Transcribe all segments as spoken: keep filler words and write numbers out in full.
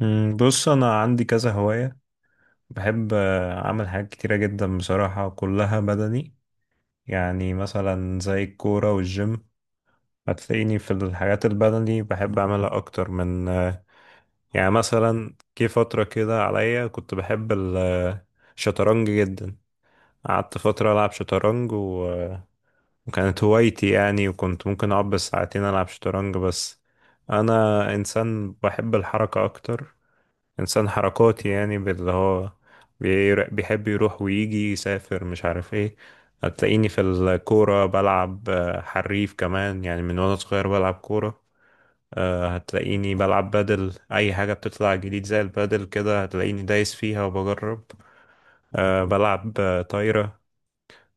مم، بص انا عندي كذا هواية. بحب آه، اعمل حاجات كتيرة جدا بصراحة، كلها بدني. يعني مثلا زي الكورة والجيم. هتلاقيني في الحاجات البدني بحب اعملها اكتر من آه، يعني مثلا جه فترة كده عليا، كنت بحب ال- آه، الشطرنج جدا. قعدت فترة العب شطرنج و... آه، وكانت هوايتي يعني، وكنت ممكن اقعد بالساعتين العب شطرنج. بس انا انسان بحب الحركة اكتر، انسان حركاتي يعني باللي هو بير- بيحب يروح ويجي يسافر، مش عارف ايه. هتلاقيني في الكورة بلعب آه، حريف كمان، يعني من وانا صغير بلعب كورة. آه، هتلاقيني بلعب بدل اي حاجة بتطلع جديد، زي البدل كده هتلاقيني دايس فيها وبجرب. آه، بلعب آه، طايرة.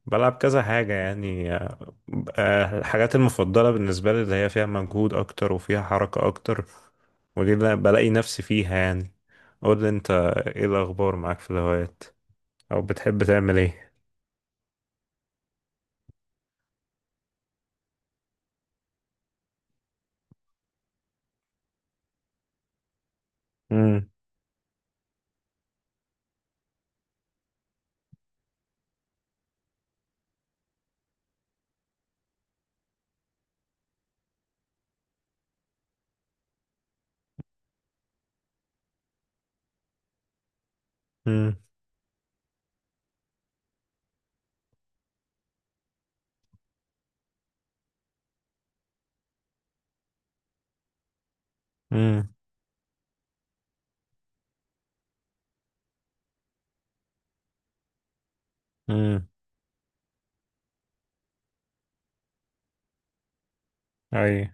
بلعب كذا حاجة يعني آه، آه، الحاجات المفضلة بالنسبة لي، اللي هي فيها مجهود أكتر وفيها حركة أكتر، ودي اللي أنا بلاقي نفسي فيها يعني. قول لي أنت، إيه الأخبار معاك في الهوايات؟ أو بتحب تعمل إيه؟ مم. مم. مم. مم. أي.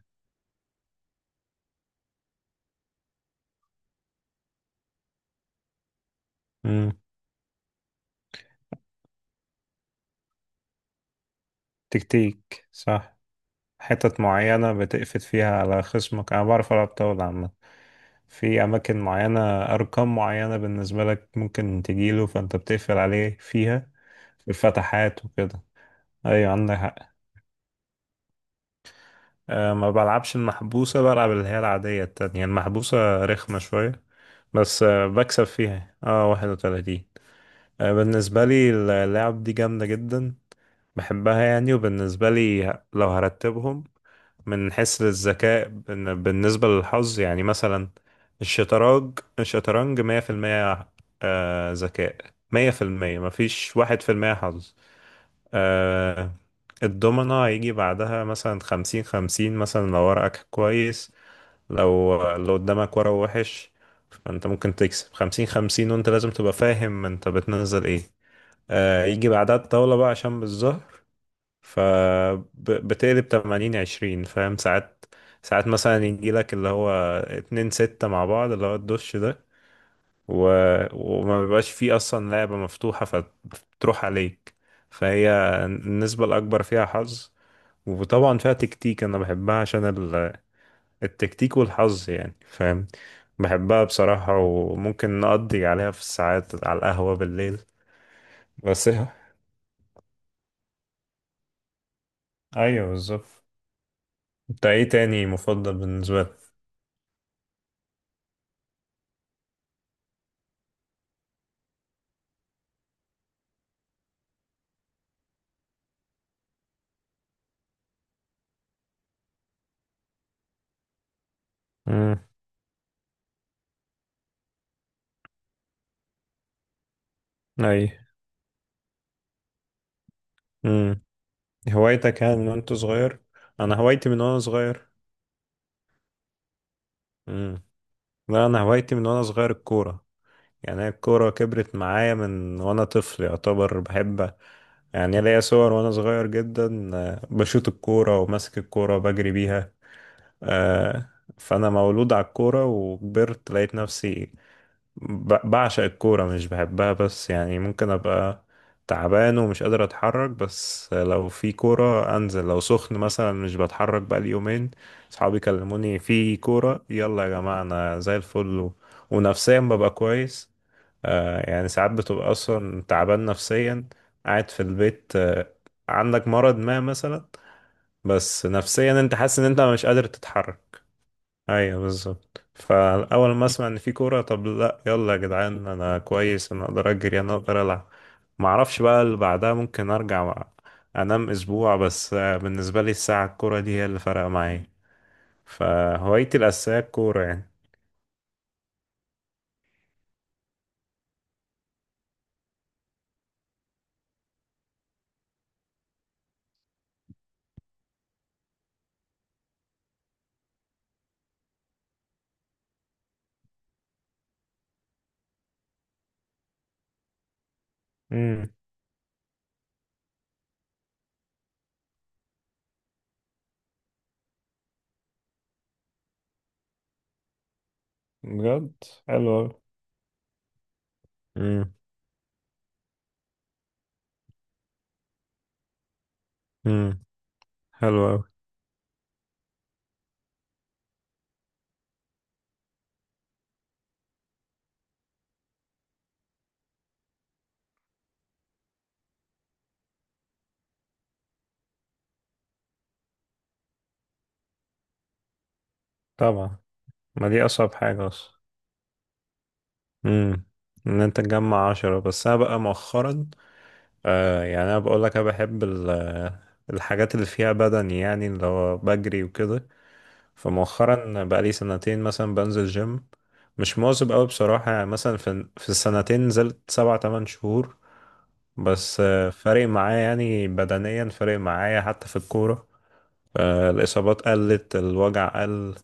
مم. تكتيك صح. حتت معينة بتقفت فيها على خصمك، أنا بعرف ألعب طاولة عامة، في أماكن معينة. أرقام معينة بالنسبة لك ممكن تجيله فأنت بتقفل عليه فيها، في الفتحات وكده. أيوة، عندك حق. أه، ما بلعبش المحبوسة، بلعب اللي هي العادية التانية، يعني المحبوسة رخمة شوية. بس أه بكسب فيها اه واحد وتلاتين. أه، بالنسبة لي اللعب دي جامدة جدا، بحبها يعني. وبالنسبة لي، لو هرتبهم من حيث الذكاء بن- بالنسبة للحظ، يعني مثلا الشطرنج الشطرنج مية في المية آه، ذكاء. مية في المية، مفيش واحد في المية حظ. آه، الدومنة هيجي بعدها مثلا خمسين خمسين، مثلا لو ورقك كويس. لو لو قدامك ورق وحش، فانت ممكن تكسب خمسين خمسين، وانت لازم تبقى فاهم انت بتنزل ايه. آه، يجي بعدها الطاولة بقى عشان بالظهر، فبتقلب تمانين عشرين فاهم. ساعات ساعات مثلا يجيلك اللي هو اتنين ستة مع بعض، اللي هو الدش ده و... وما بيبقاش فيه أصلا لعبة مفتوحة فتروح عليك. فهي النسبة الأكبر فيها حظ، وطبعا فيها تكتيك. أنا بحبها عشان ال... التكتيك والحظ، يعني فاهم. بحبها بصراحة، وممكن نقضي عليها في الساعات على القهوة بالليل. بس أيوه بالظبط. انت ايه تاني مفضل بالنسبة لك؟ اي. امم. هوايتك كان من وانت صغير؟ انا هوايتي من وانا صغير. امم. لا، انا هوايتي من وانا صغير الكوره. يعني هي الكوره كبرت معايا من وانا طفل يعتبر، بحب. يعني ليا صور وانا صغير جدا، آه، بشوط الكوره وماسك الكوره بجري بيها. آه، فانا مولود على الكوره، وكبرت لقيت نفسي ب- بعشق الكورة، مش بحبها بس. يعني ممكن أبقى تعبان ومش قادر أتحرك، بس لو في كورة أنزل. لو سخن مثلا مش بتحرك بقالي يومين، صحابي كلموني في كورة يلا يا جماعة، أنا زي الفل و... ونفسيا ببقى كويس. آه يعني ساعات بتبقى أصلا تعبان نفسيا، قاعد في البيت آه عندك مرض ما مثلا، بس نفسيا أنت حاسس إن أنت مش قادر تتحرك. ايوه بالظبط. فاول ما اسمع ان في كوره طب لا يلا يا جدعان، انا كويس، انا اقدر اجري، انا اقدر العب. ما اعرفش بقى اللي بعدها، ممكن ارجع بقى انام اسبوع. بس آه، بالنسبه لي الساعه الكوره دي هي اللي فرق معايا، فهوايتي الاساسيه الكوره يعني. امم. بجد حلو أوي. امم. امم. حلو قوي. طبعا، ما دي اصعب حاجه اصلا. امم. ان انت تجمع عشرة. بس انا بقى مؤخرا، آه يعني انا بقول لك انا بحب ال- الحاجات اللي فيها بدن، يعني اللي هو بجري وكده. فمؤخرا بقى لي سنتين مثلا بنزل جيم، مش مواظب قوي بصراحة. يعني مثلا في في السنتين نزلت سبع تمن شهور، بس آه، فارق معايا. يعني بدنيا فارق معايا حتى في الكورة، آه، الإصابات قلت، الوجع قل،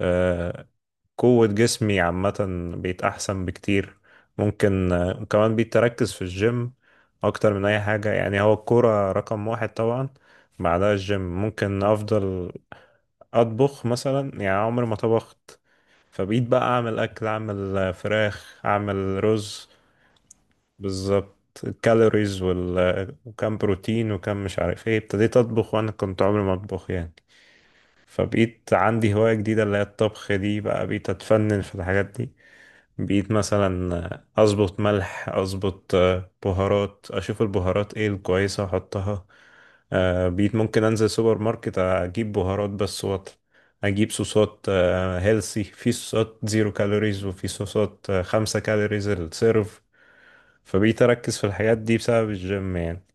آه، قوة جسمي عامة بقيت أحسن بكتير. ممكن آه، وكمان بقيت أركز في الجيم أكتر من أي حاجة. يعني هو الكورة رقم واحد طبعا، بعدها الجيم. ممكن أفضل أطبخ مثلا، يعني عمري ما طبخت، فبقيت بقى أعمل أكل، أعمل آه، فراخ، أعمل رز. بالظبط الكالوريز وال... آه، وكم بروتين وكم، مش عارف ايه. ابتديت أطبخ وأنا كنت عمري ما أطبخ يعني. فبقيت عندي هواية جديدة اللي هي الطبخ دي، بقى بقيت أتفنن في الحاجات دي. بقيت مثلا اظبط ملح، اظبط آه، بهارات، اشوف البهارات ايه الكويسه احطها. آه، بقيت ممكن انزل سوبر ماركت اجيب بهارات بس وط، اجيب صوصات هيلسي. في صوصات زيرو كالوريز، وفي صوصات آه، خمسة كالوريز السيرف. فبقيت اركز في الحاجات دي بسبب الجيم يعني.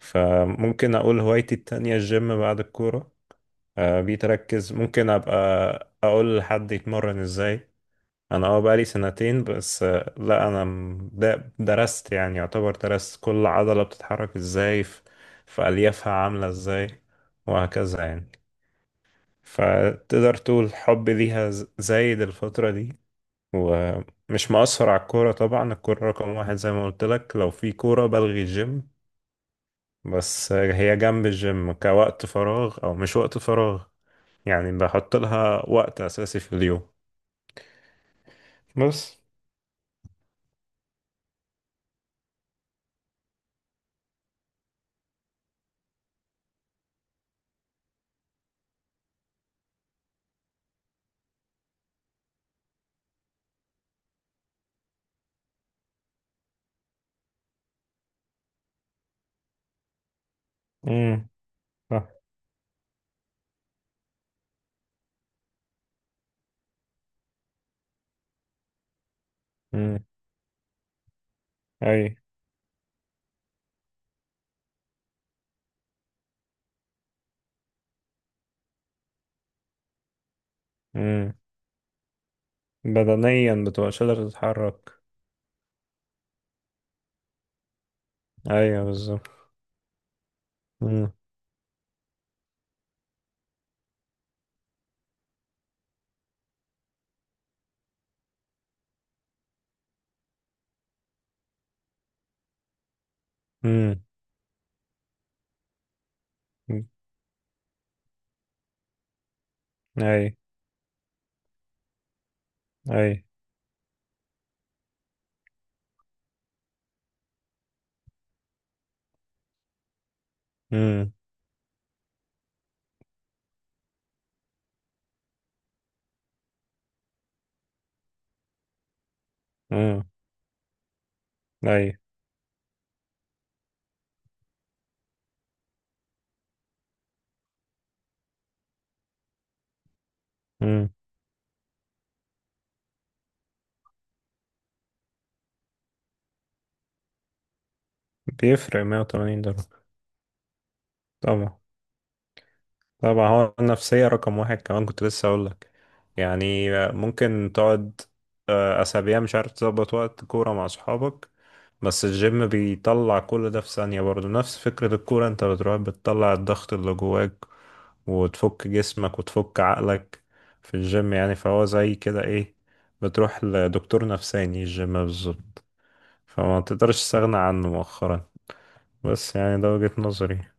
فممكن اقول هوايتي التانية الجيم بعد الكورة. آه، بقيت اركز، ممكن ابقى اقول لحد يتمرن ازاي. انا اه بقالي سنتين بس آه، لا انا م- د- درست، يعني يعتبر درست كل عضلة بتتحرك ازاي، في في اليافها عاملة ازاي، وهكذا يعني. فتقدر تقول حبي ليها ز- زايد الفترة دي. ومش مقصر على الكورة طبعا، الكورة رقم واحد زي ما قلت لك، لو في كورة بلغي الجيم. بس آه، هي جنب الجيم كوقت فراغ او مش وقت فراغ، يعني بحط لها وقت اساسي في اليوم. بس. امم. امم. اي. بدنيا بتبقاش قادر تتحرك. ايوه بالظبط. امم. امم. اي. اي. امم. امم. اي. امم. بيفرق مية وتمانين درجة. طبعا، طبعا هو النفسية رقم واحد كمان، كنت لسه اقول لك. يعني ممكن تقعد آه، اسابيع مش عارف تظبط وقت كورة مع اصحابك. بس الجيم بيطلع كل ده في ثانية، برضو نفس فكرة الكورة، انت بتروح بتطلع الضغط اللي جواك وتفك جسمك وتفك عقلك في الجيم. يعني فهو زي كده ايه، بتروح لدكتور نفساني، الجيم بالظبط. فما تقدرش تستغنى عنه مؤخرا، بس يعني ده وجهة نظري.